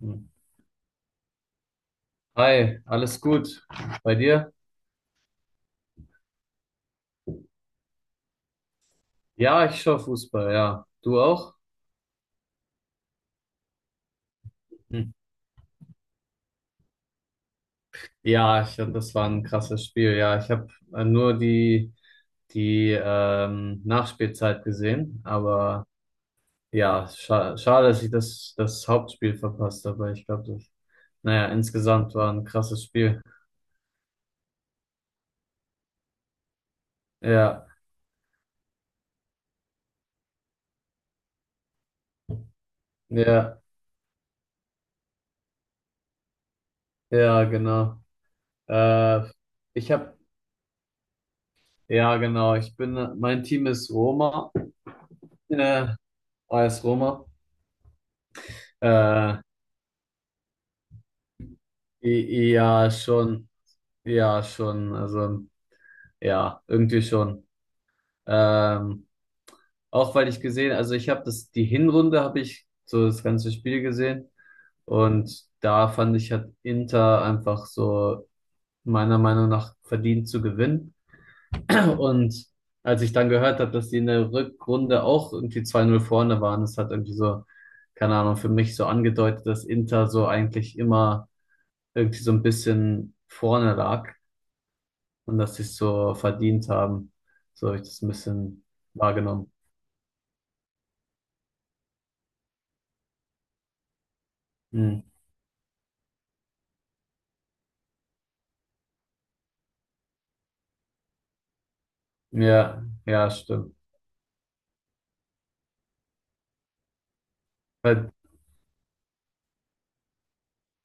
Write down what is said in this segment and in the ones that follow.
Hm. Hi, alles gut bei dir? Ja, ich schaue Fußball, ja. Du auch? Hm. Ja, das war ein krasses Spiel. Ja, ich habe nur die Nachspielzeit gesehen, aber ja, schade, dass ich das Hauptspiel verpasst habe. Ich glaube, naja, insgesamt war ein krasses Spiel. Ja, ja, ja, genau. Äh, ich habe, ja, genau, mein Team ist Roma, äh, AS Roma. Äh, i- ja, schon, ja, schon, also ja, irgendwie schon. Ähm, auch weil ich gesehen, also ich habe das, die Hinrunde habe ich so das ganze Spiel gesehen und da fand ich, hat Inter einfach so meiner Meinung nach verdient zu gewinnen. Und als ich dann gehört habe, dass die in der Rückrunde auch irgendwie 2:0 vorne waren, das hat irgendwie so, keine Ahnung, für mich so angedeutet, dass Inter so eigentlich immer irgendwie so ein bisschen vorne lag. Und dass sie es so verdient haben. So habe ich das ein bisschen wahrgenommen. Hm. Ja, ja, stimmt. Weil-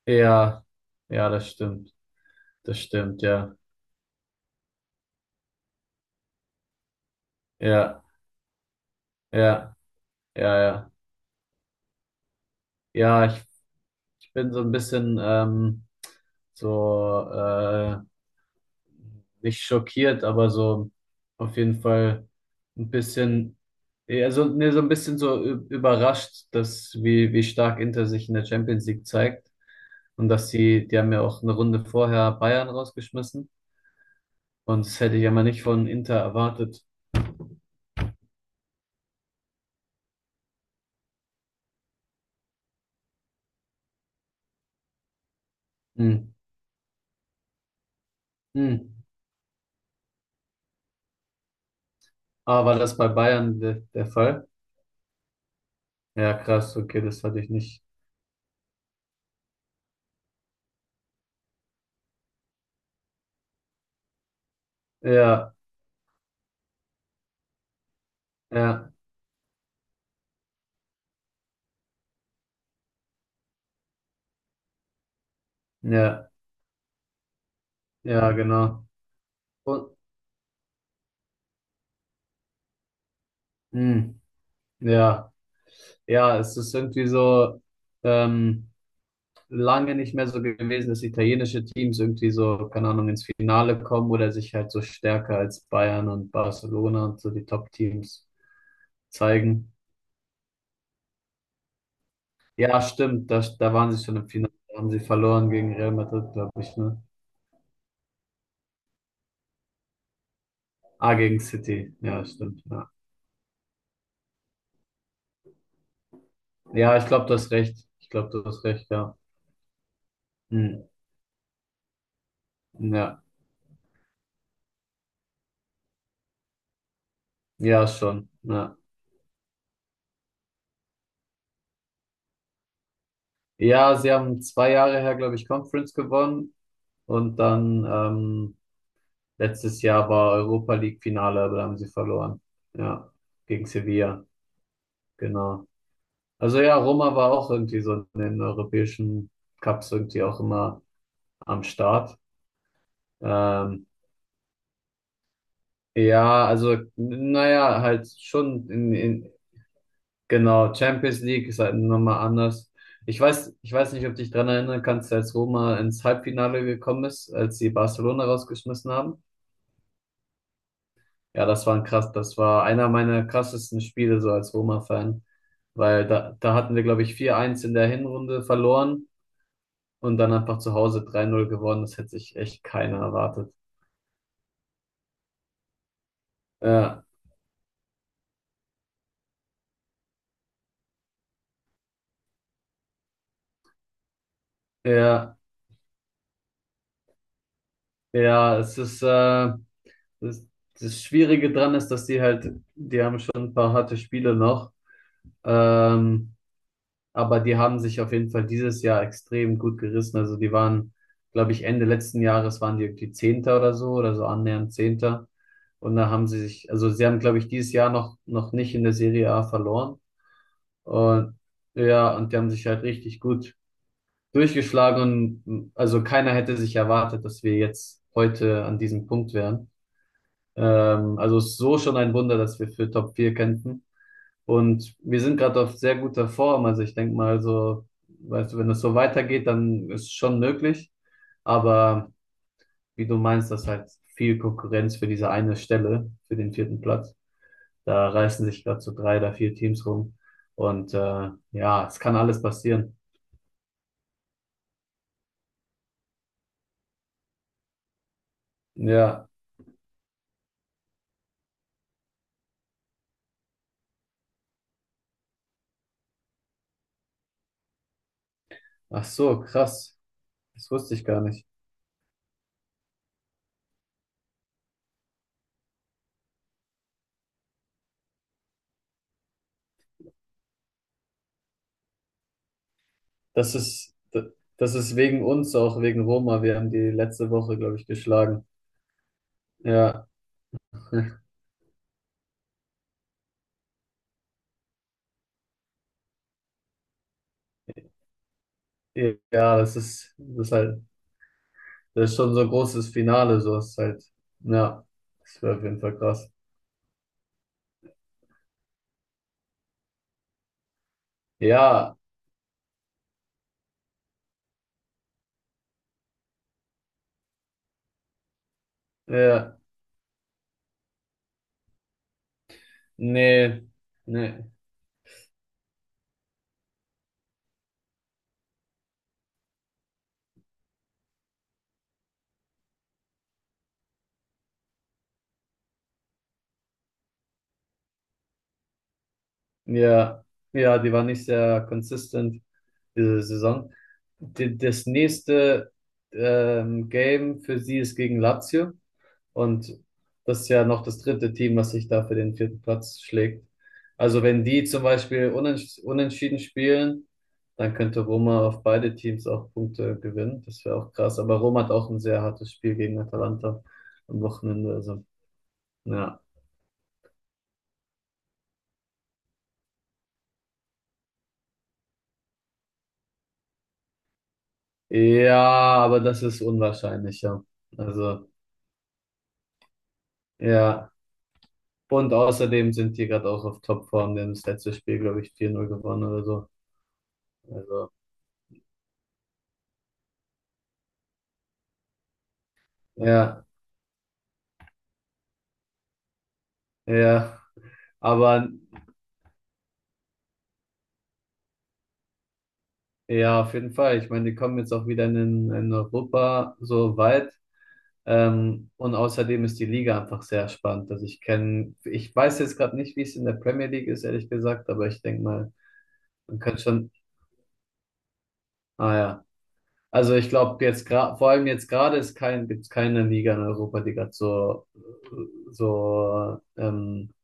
Ja, ja, das stimmt. Das stimmt, ja. Ja, ja, ja, ja. Ja, ich bin so ein bisschen so nicht schockiert, aber so auf jeden Fall ein bisschen, ja, so, nee, so ein bisschen so überrascht, dass wie stark Inter sich in der Champions League zeigt. Und dass die haben ja auch eine Runde vorher Bayern rausgeschmissen. Und das hätte ich ja mal nicht von Inter erwartet. Hm. Hm. Aber war das bei Bayern de der Fall? Ja, krass, okay, das hatte ich nicht. Ja, ja, ja, ja, genau. Und, hm. Ja, ja, es ist irgendwie so, ähm, lange nicht mehr so gewesen, dass italienische Teams irgendwie so, keine Ahnung, ins Finale kommen oder sich halt so stärker als Bayern und Barcelona und so die Top-Teams zeigen. Ja, stimmt, da waren sie schon im Finale, da haben sie verloren gegen Real Madrid, glaube ich, ne? Ah, gegen City, ja, stimmt, ja. Ja, ich glaube, du hast recht, ich glaube, du hast recht, ja. Hm. Ja, ja, schon, ja. Ja, sie haben 2 Jahre her, glaube ich, Conference gewonnen und dann letztes Jahr war Europa League Finale, aber da haben sie verloren, ja, gegen Sevilla, genau. Also ja, Roma war auch irgendwie so in den europäischen Cups irgendwie auch immer am Start. Ähm, Ja, also, naja, halt schon in, genau, Champions League ist halt nochmal anders. Ich weiß nicht, ob du dich dran erinnern kannst, als Roma ins Halbfinale gekommen ist, als sie Barcelona rausgeschmissen haben. Ja, das war einer meiner krassesten Spiele so als Roma-Fan, weil da hatten wir, glaube ich, 4:1 in der Hinrunde verloren und dann einfach zu Hause 3:0 gewonnen. Das hätte sich echt keiner erwartet. Ja, ja, ja. Es ist, äh, Das, das Schwierige dran ist, dass die halt, die haben schon ein paar harte Spiele noch, ähm, aber die haben sich auf jeden Fall dieses Jahr extrem gut gerissen. Also die waren, glaube ich, Ende letzten Jahres waren die irgendwie Zehnter oder so annähernd Zehnter. Und da haben sie sich, also sie haben, glaube ich, dieses Jahr noch nicht in der Serie A verloren. Und ja, und die haben sich halt richtig gut durchgeschlagen und also keiner hätte sich erwartet, dass wir jetzt heute an diesem Punkt wären. Also es ist so schon ein Wunder, dass wir für Top 4 kämpfen. Und wir sind gerade auf sehr guter Form. Also ich denke mal so, weißt du, wenn es so weitergeht, dann ist es schon möglich. Aber wie du meinst, das ist halt viel Konkurrenz für diese eine Stelle, für den vierten Platz. Da reißen sich gerade so drei oder vier Teams rum. Und ja, es kann alles passieren. Ja, ach so, krass. Das wusste ich gar nicht. Das ist, das ist wegen uns, auch wegen Roma. Wir haben die letzte Woche, glaube ich, geschlagen. Ja, ja, das ist halt, das ist schon so ein großes Finale, so ist halt, ja, das wäre auf jeden Fall krass. Ja, ja, nee, nee, ja, ja, die war nicht sehr consistent, diese Saison. Das nächste Game für sie ist gegen Lazio. Und das ist ja noch das dritte Team, was sich da für den vierten Platz schlägt. Also wenn die zum Beispiel unentschieden spielen, dann könnte Roma auf beide Teams auch Punkte gewinnen. Das wäre auch krass. Aber Roma hat auch ein sehr hartes Spiel gegen Atalanta am Wochenende. Also, ja. Ja, aber das ist unwahrscheinlich, ja. Also, ja. Und außerdem sind die gerade auch auf Topform. Die haben das letzte Spiel, glaube ich, 4-0 gewonnen oder so. Also, ja, ja. Aber ja, auf jeden Fall. Ich meine, die kommen jetzt auch wieder in Europa so weit. Und außerdem ist die Liga einfach sehr spannend. Also ich weiß jetzt gerade nicht, wie es in der Premier League ist, ehrlich gesagt, aber ich denke mal, man kann schon, ah ja. Also ich glaube jetzt gerade, vor allem jetzt gerade ist kein, gibt's keine Liga in Europa, die gerade so, so, ähm,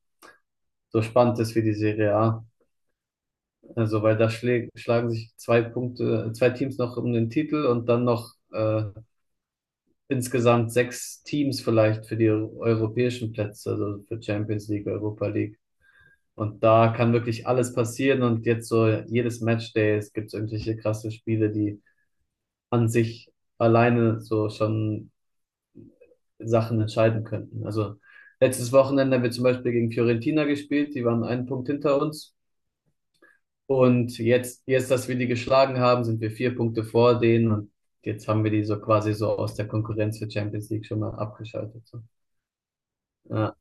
so spannend ist wie die Serie A. Also weil da schlagen sich zwei Teams noch um den Titel und dann noch insgesamt sechs Teams vielleicht für die europäischen Plätze, also für Champions League, Europa League. Und da kann wirklich alles passieren. Und jetzt so jedes Matchday, es gibt irgendwelche krasse Spiele, die an sich alleine so schon Sachen entscheiden könnten. Also letztes Wochenende haben wir zum Beispiel gegen Fiorentina gespielt, die waren einen Punkt hinter uns. Und jetzt, dass wir die geschlagen haben, sind wir vier Punkte vor denen. Und jetzt haben wir die so quasi so aus der Konkurrenz für Champions League schon mal abgeschaltet. So. Äh,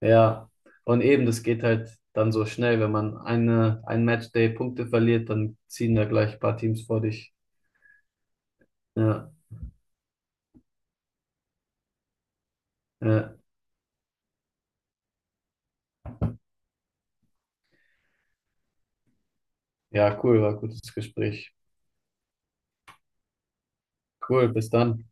Ja und eben, das geht halt dann so schnell, wenn man ein Matchday Punkte verliert, dann ziehen da gleich ein paar Teams vor dich. Ja, ja, ja, cool, war ein gutes Gespräch. Cool, bis dann.